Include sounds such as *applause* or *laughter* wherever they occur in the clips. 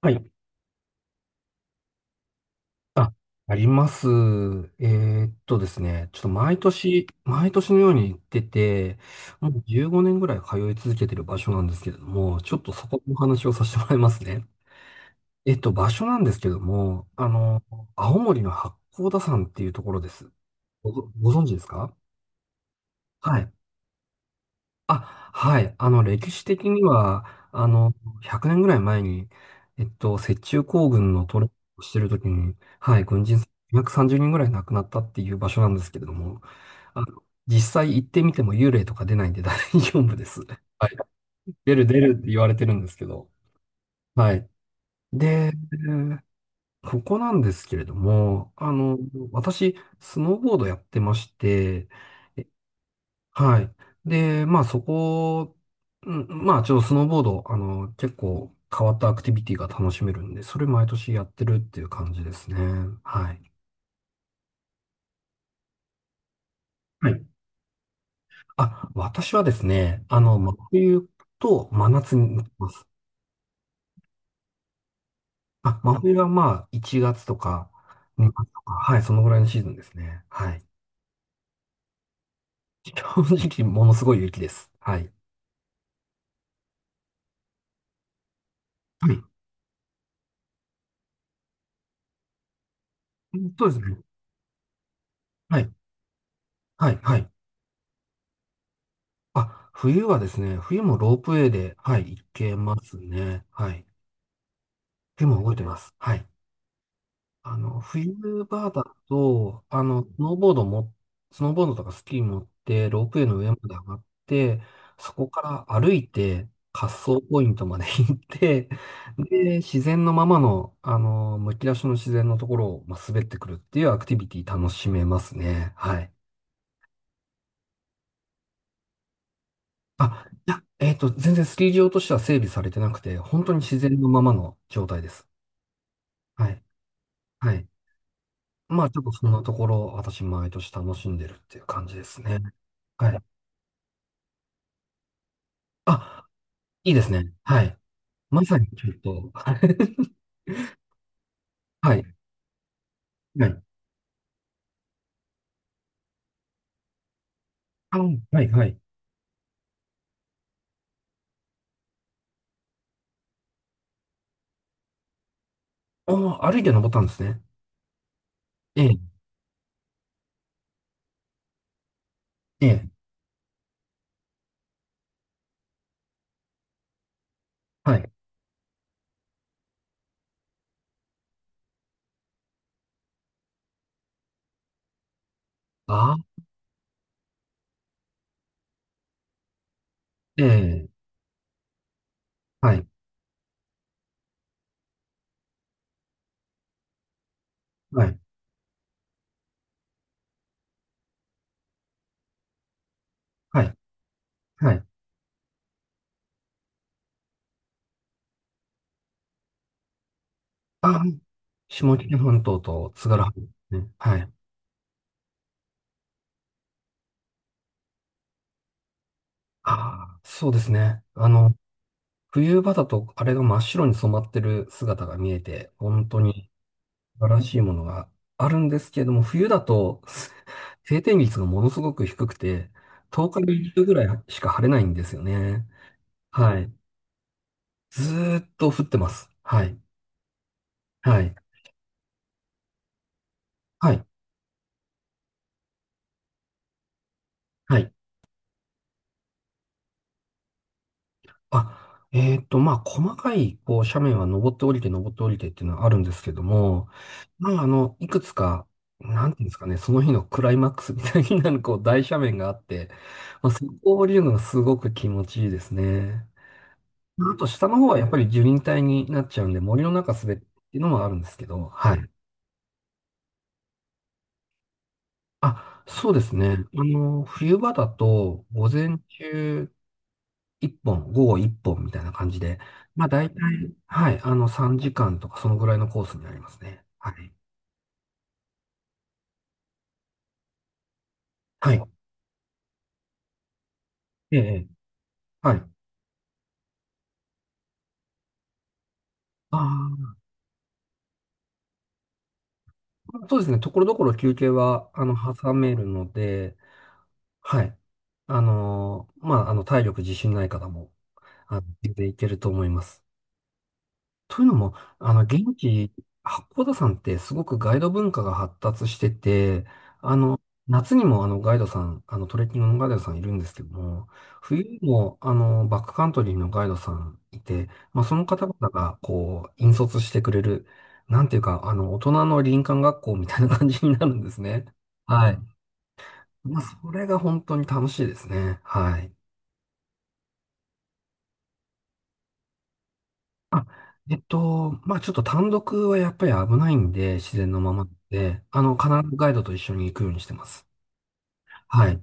はい。あ、あります。ですね、ちょっと毎年のように行ってて、もう15年ぐらい通い続けてる場所なんですけれども、ちょっとそこのお話をさせてもらいますね。場所なんですけども、青森の八甲田山っていうところです。ご、ご存知ですか？はい。あ、はい。歴史的には、あの、100年ぐらい前に、雪中行軍のトレーニングをしてるときに、はい、軍人230人ぐらい亡くなったっていう場所なんですけれども、実際行ってみても幽霊とか出ないんで大丈夫です。はい。出る出るって言われてるんですけど、はい。で、ここなんですけれども、私、スノーボードやってまして、はい。で、まあそこ、うんまあちょっとスノーボード、結構変わったアクティビティが楽しめるんで、それ毎年やってるっていう感じですね。はい。はい。あ、私はですね、真冬と真夏に行きます。あ、真冬はまあ1月とか2月とか、はい、そのぐらいのシーズンですね。はい。正直ものすごい雪です。はい。はい。そうですね。はい。はい。はい。あ、冬はですね、冬もロープウェイで、はい、行けますね。はい。でも動いてます。はい。冬場だと、スノーボードとかスキー持って、ロープウェイの上まで上がって、そこから歩いて、滑走ポイントまで行って、で、自然のままの、むき出しの自然のところを、まあ、滑ってくるっていうアクティビティ楽しめますね。はい。あ、いや、全然スキー場としては整備されてなくて、本当に自然のままの状態です。はい。はい。まあ、ちょっとそんなところを私、毎年楽しんでるっていう感じですね。はい。あ、いいですね。はい。まさにちょっと、*laughs* はい。はい。あ、はい、はい。ああ、歩いて登ったんですね。ええ、ええ、はい。ああ、ええ、はい、はい、はい、はい。ああ、下北半島と津軽半島ですね。はい。ああ、そうですね。冬場だとあれが真っ白に染まってる姿が見えて、本当に素晴らしいものがあるんですけれども、冬だと *laughs* 晴天率がものすごく低くて、10日に一度ぐらいしか晴れないんですよね。はい。ずーっと降ってます。はい。はい。はい。はい。あ、まあ、細かい、こう、斜面は登って降りて、登って降りてっていうのはあるんですけども、まあ、いくつか、なんていうんですかね、その日のクライマックスみたいになる、こう、大斜面があって、まあ、そこを降りるのがすごく気持ちいいですね。まあと、下の方はやっぱり樹林帯になっちゃうんで、森の中滑るっていうのもあるんですけど、はい。あ、そうですね。冬場だと、午前中一本、午後一本みたいな感じで、まあ大体、はい、3時間とかそのぐらいのコースになりますね。はい。はい。ええ、はい。ああ、そうですね。ところどころ休憩は、挟めるので、はい。まあ、体力自信ない方も、全然いけると思います。というのも、現地、八甲田山ってすごくガイド文化が発達してて、あの、夏にもあのガイドさん、あのトレッキングのガイドさんいるんですけども、冬にもあのバックカントリーのガイドさんいて、まあ、その方々がこう、引率してくれる、なんていうか、大人の林間学校みたいな感じになるんですね。はい。まあ、それが本当に楽しいですね。はい。あ、まあちょっと単独はやっぱり危ないんで、自然のままで、必ずガイドと一緒に行くようにしてます。はい。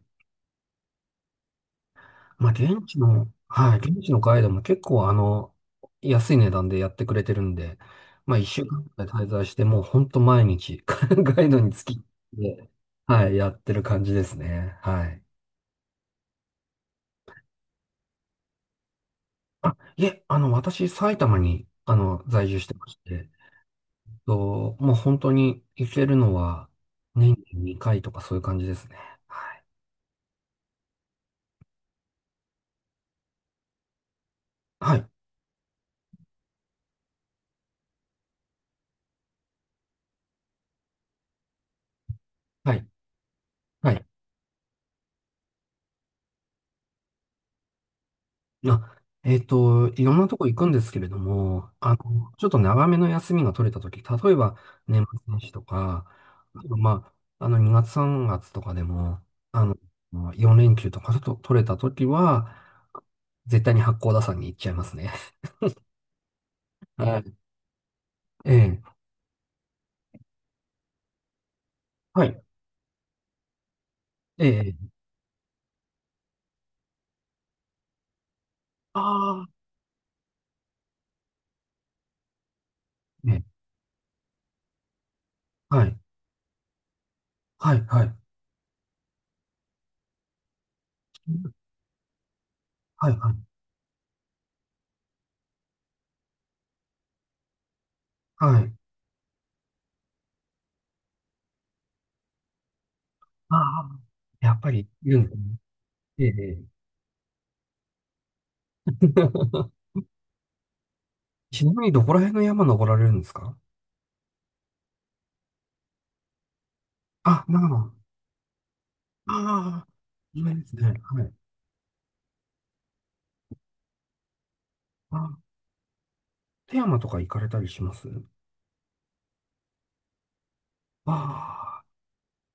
まあ現地の、はい、現地のガイドも結構安い値段でやってくれてるんで、まあ一週間くらい滞在して、もうほんと毎日 *laughs* ガイドにつき、で、はい、やってる感じですね。はい。あ、いえ、私、埼玉に、在住してまして、と、もう本当に行けるのは年に2回とかそういう感じですね。はい。はい。はい。はい。あ、いろんなとこ行くんですけれども、ちょっと長めの休みが取れたとき、例えば年末年始とか、あとまあ、2月3月とかでも、あの、4連休とかちょっと取れたときは、絶対に八甲田山に行っちゃいますね。*laughs* はい。*laughs* ええ。はい。ええ。ああ。ええ。はい。はい。はい。はい。はい。はい。ああ、やっぱりいるんですね。ええ。*laughs* ちなみにどこら辺の山登られるんですか？あ、長野。ああ、有名ですね。はい。あ、富山とか行かれたりします？ああ、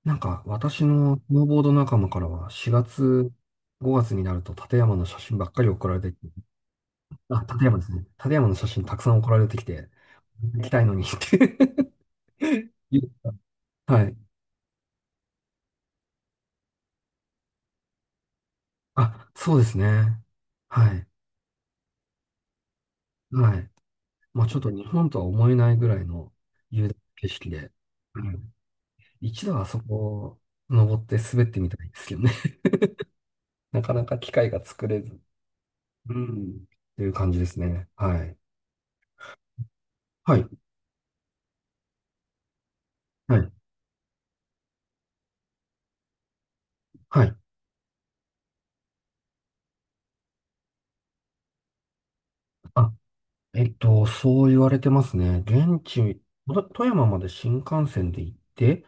なんか私のスノーボード仲間からは4月、5月になると立山の写真ばっかり送られてきて、あ、立山ですね。立山の写真たくさん送られてきて、行きたいのにって *laughs* 言った *laughs* はい。あ、そうですね。はい。はい。まあ、ちょっと日本とは思えないぐらいの雄大な景色で、うん一度はあそこ登って滑ってみたいですけどね。*laughs* なかなか機会が作れず、うん、っていう感じですね。はい。はい。はい。はい。あ、そう言われてますね。現地、と富山まで新幹線で行って、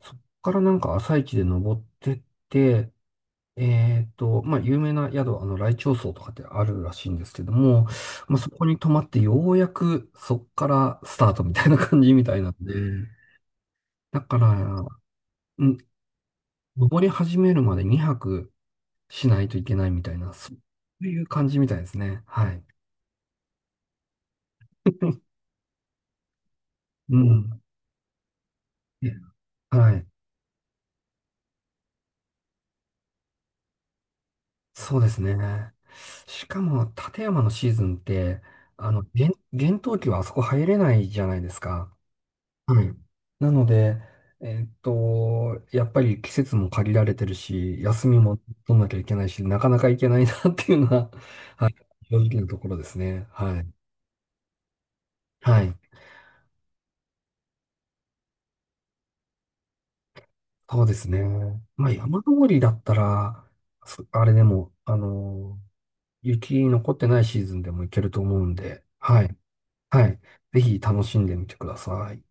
そこからなんか朝一で登ってって、まあ、有名な宿、来鳥荘とかってあるらしいんですけども、まあ、そこに泊まってようやくそっからスタートみたいな感じみたいなんで、だから、ん、登り始めるまで2泊しないといけないみたいな、そういう感じみたいですね。はい。うん。えはい。そうですね。しかも、立山のシーズンって、厳厳冬期はあそこ入れないじゃないですか。はい。なので、やっぱり季節も限られてるし、休みも取んなきゃいけないし、なかなか行けないなっていうのが *laughs* 正直なところですね。はい。はい。そうですね。まあ、山登りだったら、あれでも、雪残ってないシーズンでも行けると思うんで、はい。はい。ぜひ楽しんでみてください。